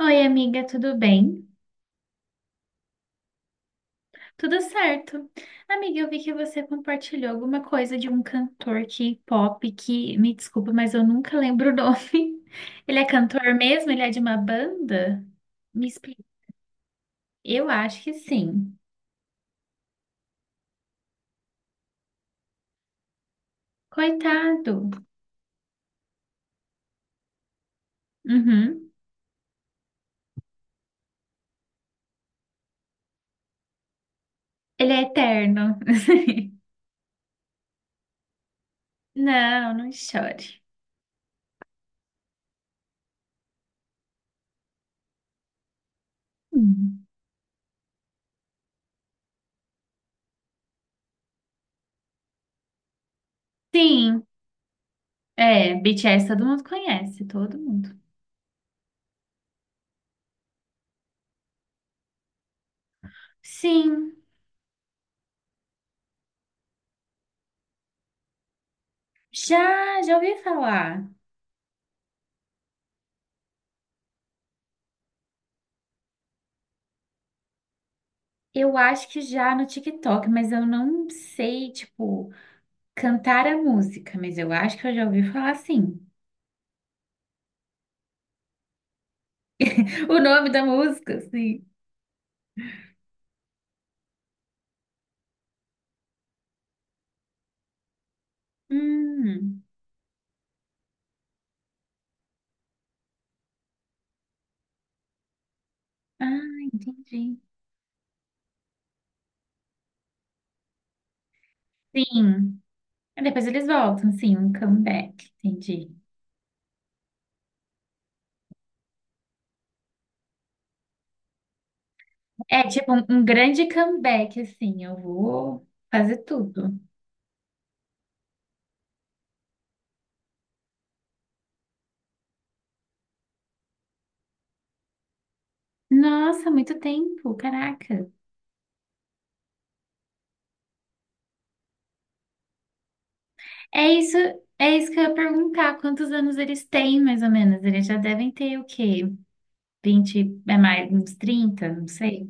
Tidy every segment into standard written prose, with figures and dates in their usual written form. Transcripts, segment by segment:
Oi, amiga, tudo bem? Tudo certo. Amiga, eu vi que você compartilhou alguma coisa de um cantor K-pop que, me desculpa, mas eu nunca lembro o nome. Ele é cantor mesmo? Ele é de uma banda? Me explica. Eu acho que sim. Coitado. Uhum. Ele é eterno. Não, não chore. Hum. Sim, é, BTS todo mundo conhece, todo mundo. Sim, já, já ouvi falar. Eu acho que já no TikTok, mas eu não sei, tipo, cantar a música, mas eu acho que eu já ouvi falar sim. O nome da música, sim. Hum, ah, entendi. Sim. Depois eles voltam, sim, um comeback, entendi. É tipo um, um grande comeback, assim, eu vou fazer tudo. Nossa, muito tempo, caraca. É isso, é isso que eu ia perguntar, quantos anos eles têm, mais ou menos? Eles já devem ter o quê? 20 é mais uns 30, não sei.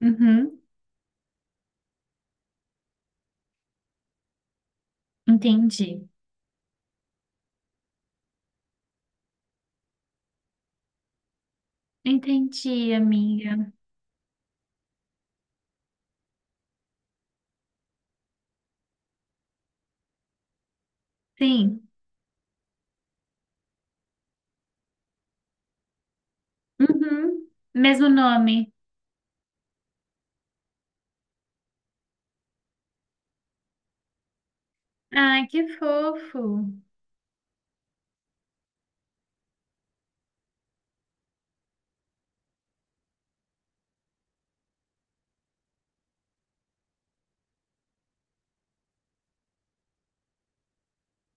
Uhum, entendi. Entendi, amiga. Sim. Uhum, mesmo nome. Ai, que fofo.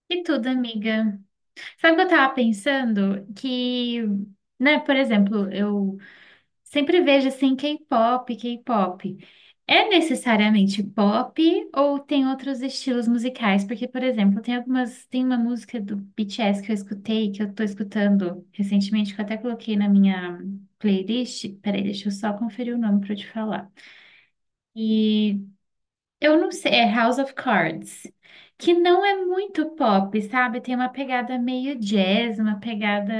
E tudo, amiga. Sabe o que eu tava pensando? Que, né, por exemplo, eu sempre vejo assim K-pop, K-pop. É necessariamente pop ou tem outros estilos musicais? Porque, por exemplo, tem algumas, tem uma música do BTS que eu escutei, que eu tô escutando recentemente, que eu até coloquei na minha playlist. Peraí, deixa eu só conferir o nome para eu te falar. E eu não sei, é House of Cards, que não é muito pop, sabe? Tem uma pegada meio jazz, uma pegada.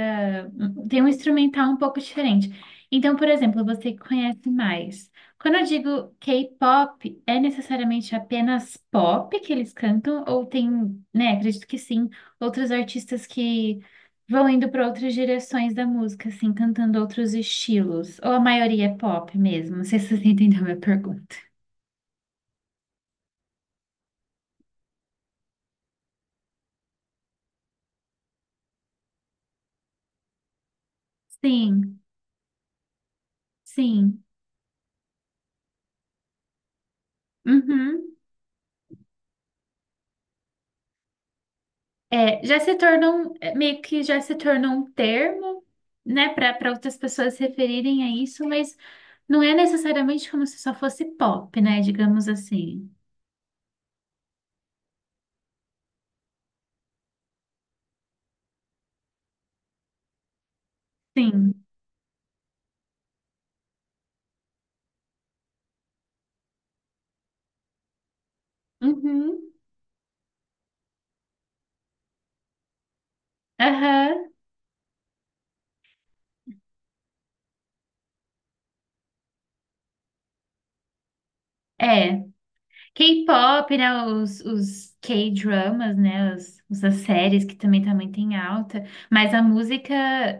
Tem um instrumental um pouco diferente. Então, por exemplo, você que conhece mais. Quando eu digo K-pop, é necessariamente apenas pop que eles cantam? Ou tem, né? Acredito que sim, outros artistas que vão indo para outras direções da música, assim, cantando outros estilos. Ou a maioria é pop mesmo? Não sei se você entendeu a minha pergunta. Sim. Sim. Uhum. É, já se tornou um- é, meio que já se tornou um termo, né, para outras pessoas se referirem a isso, mas não é necessariamente como se só fosse pop, né, digamos assim. Sim. Uhum. Aham. É. K-pop, né, os K-dramas, né, os, as séries que também tem alta, mas a música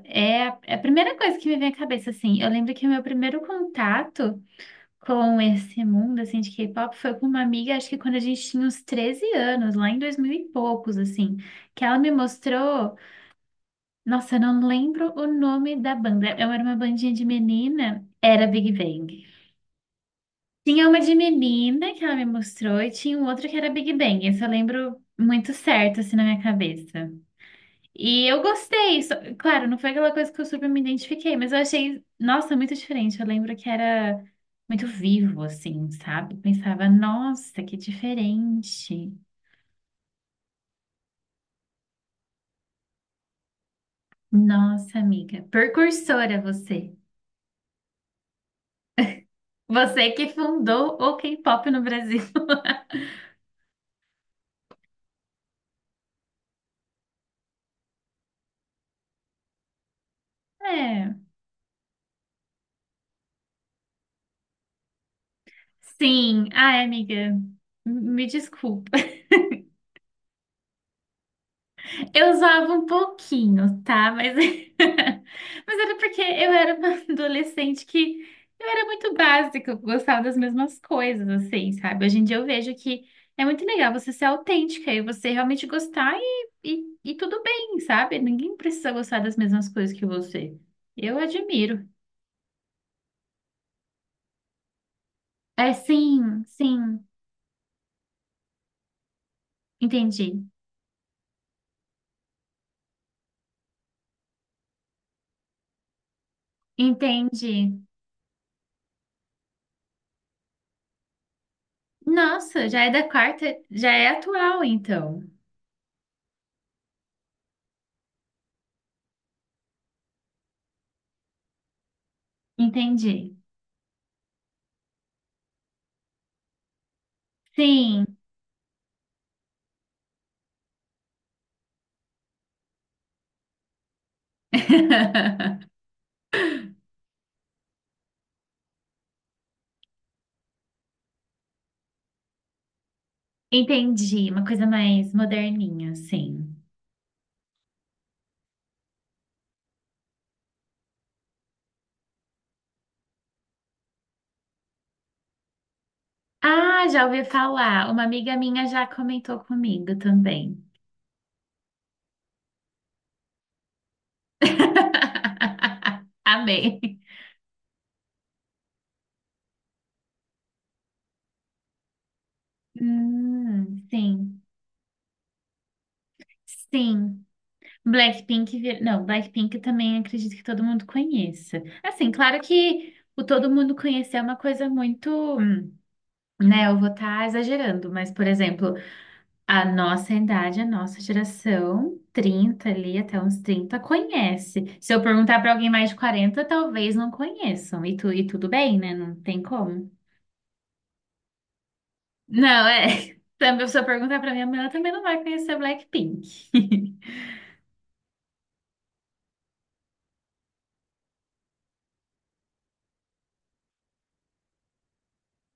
é a primeira coisa que me vem à cabeça, assim. Eu lembro que o meu primeiro contato com esse mundo assim de K-pop foi com uma amiga, acho que quando a gente tinha uns 13 anos, lá em 2000 e poucos, assim, que ela me mostrou, nossa, eu não lembro o nome da banda. Eu era uma bandinha de menina, era Big Bang. Tinha uma de menina que ela me mostrou e tinha um outro que era Big Bang. Esse eu lembro muito certo assim na minha cabeça. E eu gostei. Claro, não foi aquela coisa que eu super me identifiquei, mas eu achei, nossa, muito diferente. Eu lembro que era muito vivo, assim, sabe? Pensava, nossa, que diferente. Nossa, amiga, precursora você. Você que fundou o K-pop no Brasil. É, sim. Ai, amiga, me desculpa. Eu usava um pouquinho, tá? Mas, mas era porque eu era uma adolescente que eu era muito básica, eu gostava das mesmas coisas, assim, sabe? Hoje em dia eu vejo que é muito legal você ser autêntica e você realmente gostar e tudo bem, sabe? Ninguém precisa gostar das mesmas coisas que você. Eu admiro. É, sim, entendi, entendi. Nossa, já é da quarta, já é atual, então. Entendi. Sim. Entendi, uma coisa mais moderninha, assim. Ah, já ouvi falar. Uma amiga minha já comentou comigo também. Amei. Sim, sim. Blackpink, vir... não, Blackpink também acredito que todo mundo conheça. Assim, claro que o todo mundo conhecer é uma coisa muito, hum, né? Eu vou estar exagerando, mas, por exemplo, a nossa idade, a nossa geração, 30 ali até uns 30 conhece. Se eu perguntar para alguém mais de 40, talvez não conheçam. E tudo bem, né? Não tem como. Não, é. Também, se eu perguntar para minha mãe, ela também não vai conhecer Blackpink.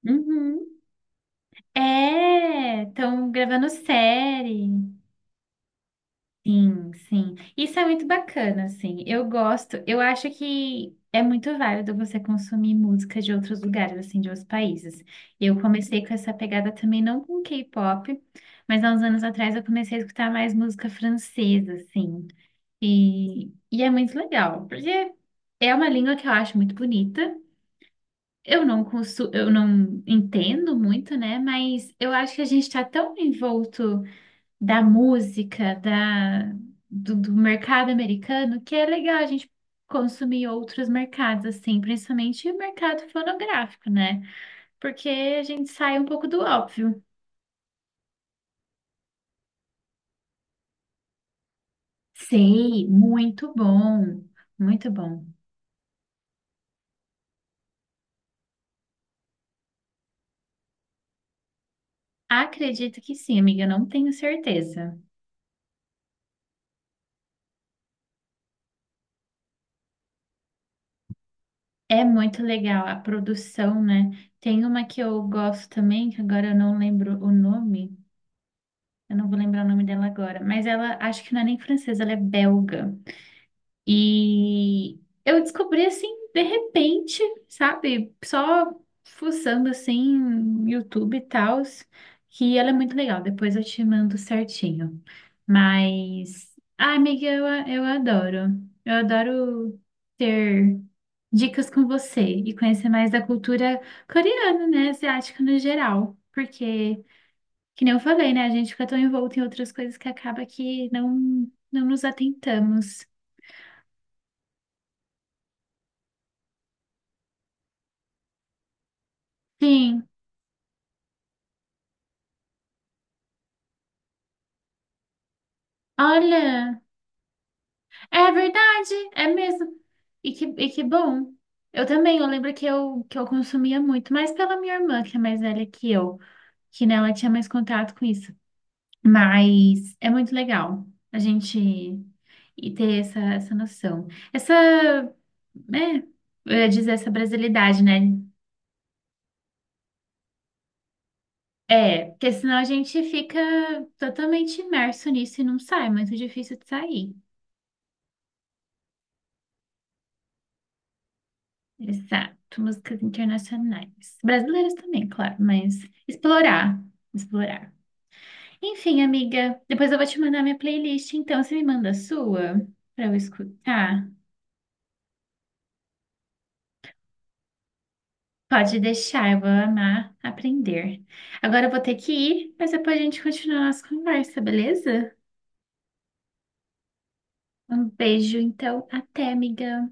Uhum. É, estão gravando série. Sim, sim. Isso é muito bacana, assim. Eu gosto, eu acho que é muito válido você consumir música de outros lugares, assim, de outros países. Eu comecei com essa pegada também, não com K-pop, mas há uns anos atrás eu comecei a escutar mais música francesa, assim. E, e é muito legal, porque é uma língua que eu acho muito bonita. Eu não entendo muito, né? Mas eu acho que a gente está tão envolto da música, do mercado americano, que é legal a gente consumir outros mercados, assim, principalmente o mercado fonográfico, né? Porque a gente sai um pouco do óbvio. Sei, muito bom, muito bom. Acredito que sim, amiga, não tenho certeza. É muito legal a produção, né? Tem uma que eu gosto também, que agora eu não lembro o nome, eu não vou lembrar o nome dela agora, mas ela, acho que não é nem francesa, ela é belga. E eu descobri assim, de repente, sabe? Só fuçando assim, YouTube e tal, que ela é muito legal. Depois eu te mando certinho. Mas, ai, amiga, eu adoro. Eu adoro ter dicas com você e conhecer mais da cultura coreana, né? Asiática no geral. Porque, que nem eu falei, né? A gente fica tão envolto em outras coisas que acaba que não, não nos atentamos. Sim. Olha, é verdade, é mesmo. E que bom. Eu também, eu lembro que eu consumia muito, mais pela minha irmã, que é mais velha que eu, que, né, ela tinha mais contato com isso. Mas é muito legal a gente ter essa, essa noção. Essa, né, eu ia dizer essa brasilidade, né? É, porque senão a gente fica totalmente imerso nisso e não sai, é muito difícil de sair. Exato, músicas internacionais. Brasileiras também, claro, mas explorar, explorar. Enfim, amiga, depois eu vou te mandar minha playlist, então você me manda a sua para eu escutar. Pode deixar, eu vou amar aprender. Agora eu vou ter que ir, mas depois a gente continua a nossa conversa, beleza? Um beijo, então, até, amiga.